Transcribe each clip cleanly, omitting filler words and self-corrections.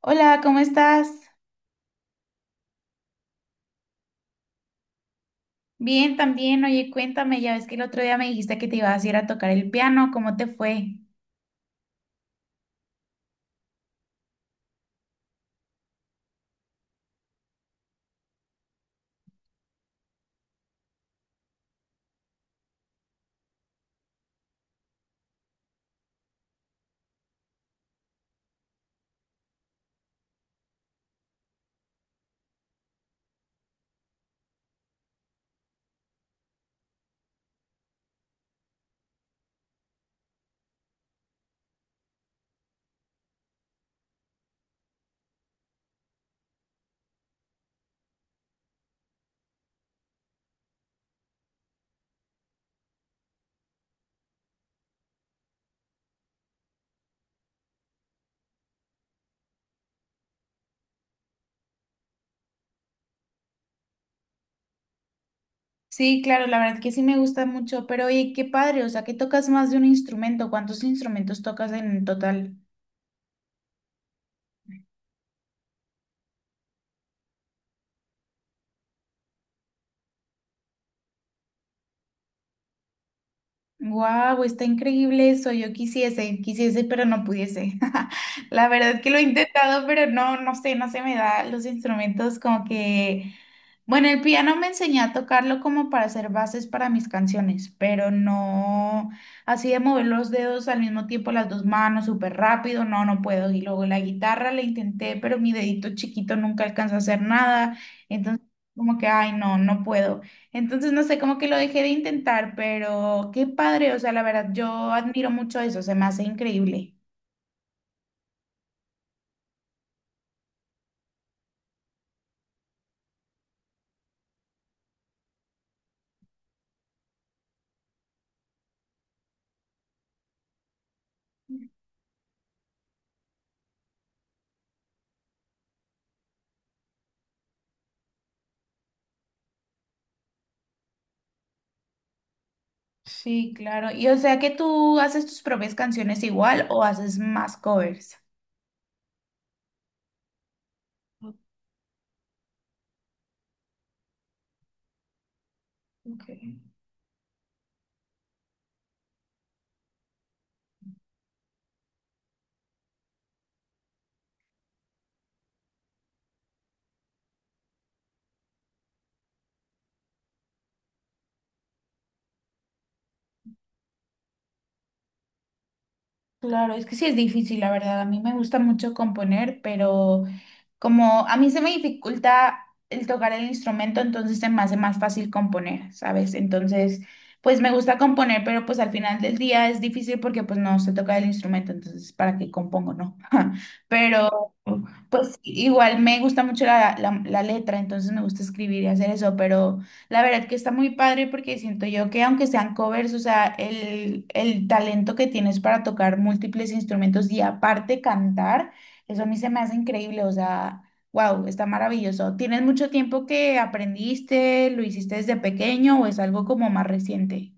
Hola, ¿cómo estás? Bien, también. Oye, cuéntame, ya ves que el otro día me dijiste que te ibas a ir a tocar el piano, ¿cómo te fue? Sí, claro, la verdad que sí me gusta mucho, pero oye, qué padre, o sea, que tocas más de un instrumento, ¿cuántos instrumentos tocas en total? Wow, está increíble eso. Yo quisiese, quisiese, pero no pudiese. La verdad que lo he intentado, pero no, no sé, no se me da los instrumentos como que. Bueno, el piano me enseñé a tocarlo como para hacer bases para mis canciones, pero no así de mover los dedos al mismo tiempo, las dos manos súper rápido, no, no puedo. Y luego la guitarra la intenté, pero mi dedito chiquito nunca alcanzó a hacer nada. Entonces, como que, ay, no, no puedo. Entonces, no sé, como que lo dejé de intentar, pero qué padre, o sea, la verdad, yo admiro mucho eso, se me hace increíble. Sí, claro. Y o sea, que tú haces tus propias canciones igual o haces más covers. Ok. Claro, es que sí es difícil, la verdad. A mí me gusta mucho componer, pero como a mí se me dificulta el tocar el instrumento, entonces se me hace más fácil componer, ¿sabes? Entonces, pues me gusta componer, pero pues al final del día es difícil porque pues no sé tocar el instrumento, entonces ¿para qué compongo, no? Pero pues igual me gusta mucho la letra, entonces me gusta escribir y hacer eso, pero la verdad que está muy padre porque siento yo que aunque sean covers, o sea, el talento que tienes para tocar múltiples instrumentos y aparte cantar. Eso a mí se me hace increíble, o sea, wow, está maravilloso. ¿Tienes mucho tiempo que aprendiste, lo hiciste desde pequeño o es algo como más reciente?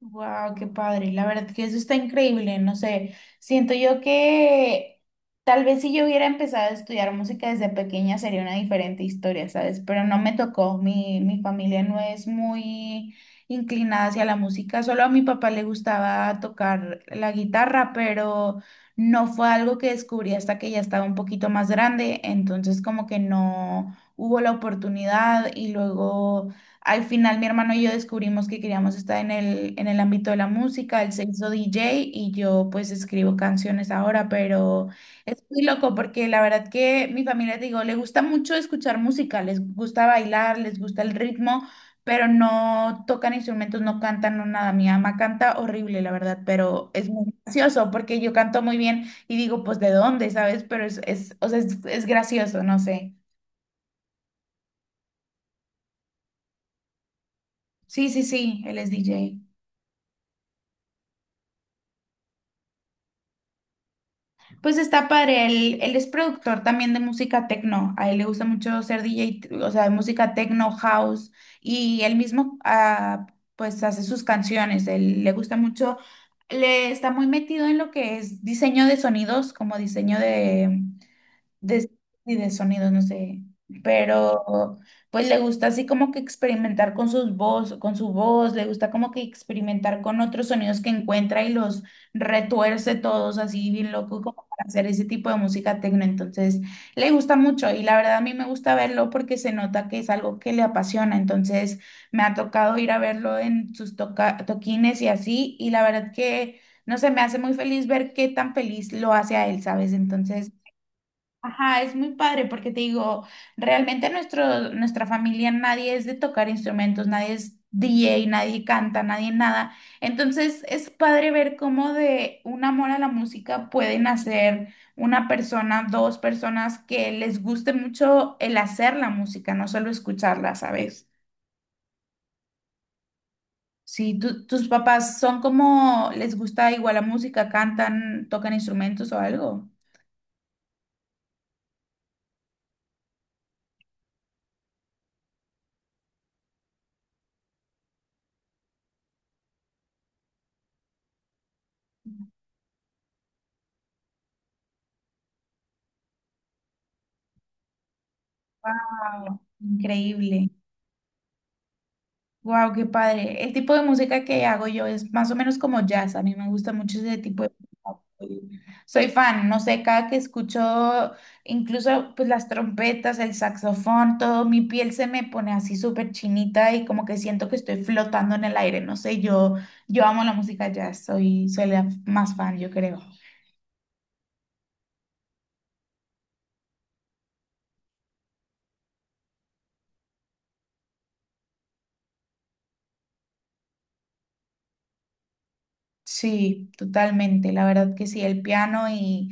Wow, qué padre. La verdad que eso está increíble. No sé, siento yo que tal vez si yo hubiera empezado a estudiar música desde pequeña sería una diferente historia, ¿sabes? Pero no me tocó. Mi familia no es muy inclinada hacia la música. Solo a mi papá le gustaba tocar la guitarra, pero no fue algo que descubrí hasta que ya estaba un poquito más grande. Entonces como que no hubo la oportunidad y luego… Al final mi hermano y yo descubrimos que queríamos estar en el ámbito de la música, él se hizo DJ y yo pues escribo canciones ahora, pero es muy loco porque la verdad que mi familia, te digo, le gusta mucho escuchar música, les gusta bailar, les gusta el ritmo, pero no tocan instrumentos, no cantan, no nada. Mi mamá canta horrible, la verdad, pero es muy gracioso porque yo canto muy bien y digo, pues ¿de dónde? ¿Sabes? Pero es, o sea, es gracioso, no sé. Sí, sí, sí, él es DJ. Pues está padre, él es productor también de música techno, a él le gusta mucho ser DJ, o sea, de música techno, house, y él mismo pues hace sus canciones, él le gusta mucho, le está muy metido en lo que es diseño de sonidos, como diseño de, y de sonidos, no sé, pero pues le gusta así como que experimentar con sus voz, con su voz, le gusta como que experimentar con otros sonidos que encuentra y los retuerce todos así bien loco como para hacer ese tipo de música tecno, entonces le gusta mucho y la verdad a mí me gusta verlo porque se nota que es algo que le apasiona, entonces me ha tocado ir a verlo en sus toquines y así y la verdad que no sé, me hace muy feliz ver qué tan feliz lo hace a él, ¿sabes? Entonces, ajá, es muy padre porque te digo, realmente nuestra familia nadie es de tocar instrumentos, nadie es DJ, nadie canta, nadie nada. Entonces es padre ver cómo de un amor a la música pueden hacer una persona, dos personas que les guste mucho el hacer la música, no solo escucharla, ¿sabes? Si tus papás son como, les gusta igual la música, cantan, tocan instrumentos o algo. Wow, increíble. Wow, qué padre. El tipo de música que hago yo es más o menos como jazz. A mí me gusta mucho ese tipo de música. Soy fan, no sé, cada que escucho incluso pues las trompetas, el saxofón, todo, mi piel se me pone así súper chinita y como que siento que estoy flotando en el aire. No sé, yo amo la música jazz, soy, soy la más fan, yo creo. Sí, totalmente, la verdad que sí, el piano y,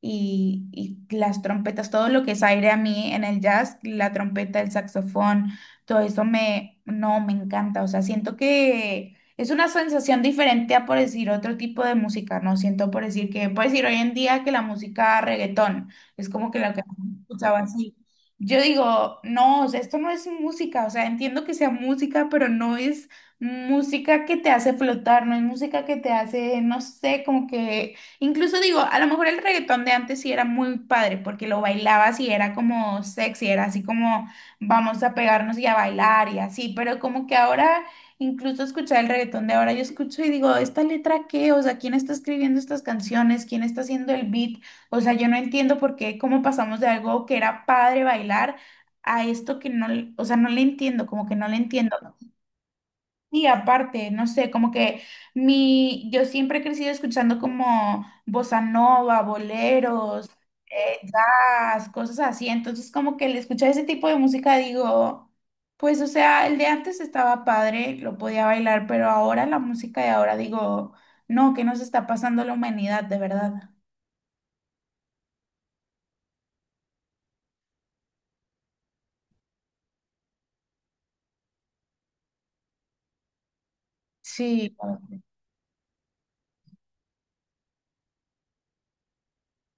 y, y las trompetas, todo lo que es aire a mí en el jazz, la trompeta, el saxofón, todo eso me, no, me encanta, o sea, siento que es una sensación diferente a por decir otro tipo de música, no siento por decir que, por decir hoy en día que la música reggaetón es como que la que escuchaba así. Yo digo, no, o sea, esto no es música, o sea, entiendo que sea música, pero no es música que te hace flotar, no es música que te hace, no sé, como que, incluso digo, a lo mejor el reggaetón de antes sí era muy padre, porque lo bailabas y era como sexy, era así como vamos a pegarnos y a bailar y así, pero como que ahora, incluso escuchar el reggaetón de ahora, yo escucho y digo, ¿esta letra qué? O sea, ¿quién está escribiendo estas canciones? ¿Quién está haciendo el beat? O sea, yo no entiendo por qué, cómo pasamos de algo que era padre bailar a esto que no, o sea, no le entiendo, como que no le entiendo. Y aparte, no sé, como que mi, yo siempre he crecido escuchando como bossa nova, boleros, jazz, cosas así. Entonces, como que al escuchar ese tipo de música digo, pues, o sea, el de antes estaba padre, lo podía bailar, pero ahora la música de ahora digo, no, ¿qué nos está pasando a la humanidad, de verdad? Sí,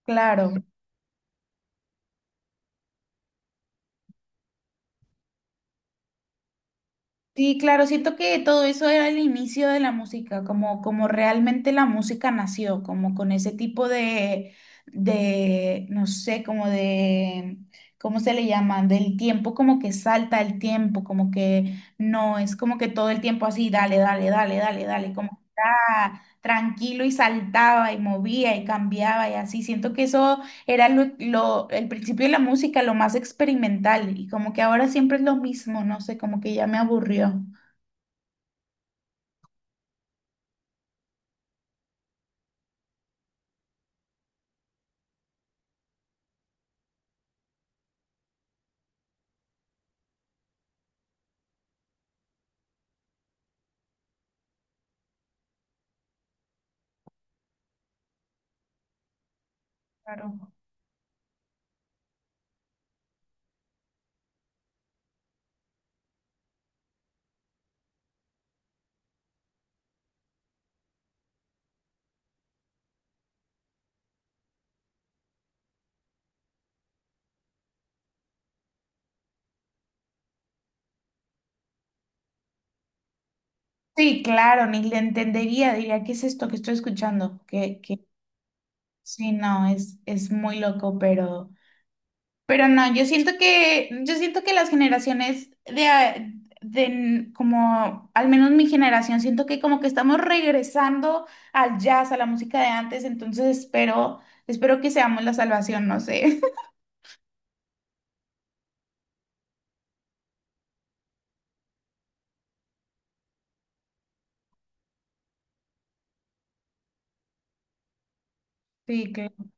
claro. Sí, claro, siento que todo eso era el inicio de la música, como, como realmente la música nació, como con ese tipo no sé, como de, ¿cómo se le llama? Del tiempo, como que salta el tiempo, como que no, es como que todo el tiempo así, dale, dale, dale, dale, dale, como que está tranquilo y saltaba y movía y cambiaba y así. Siento que eso era el principio de la música, lo más experimental, y como que ahora siempre es lo mismo, no sé, como que ya me aburrió. Claro. Sí, claro, ni le entendería, diría, ¿qué es esto que estoy escuchando? Que sí, no, es muy loco, pero no, yo siento que las generaciones de, a- de n- como, al menos mi generación, siento que como que estamos regresando al jazz, a la música de antes, entonces espero, espero que seamos la salvación, no sé. Sí, claro.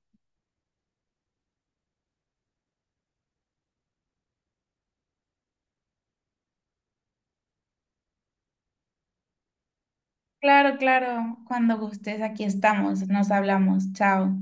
Claro, claro. Cuando gustes, aquí estamos. Nos hablamos. Chao.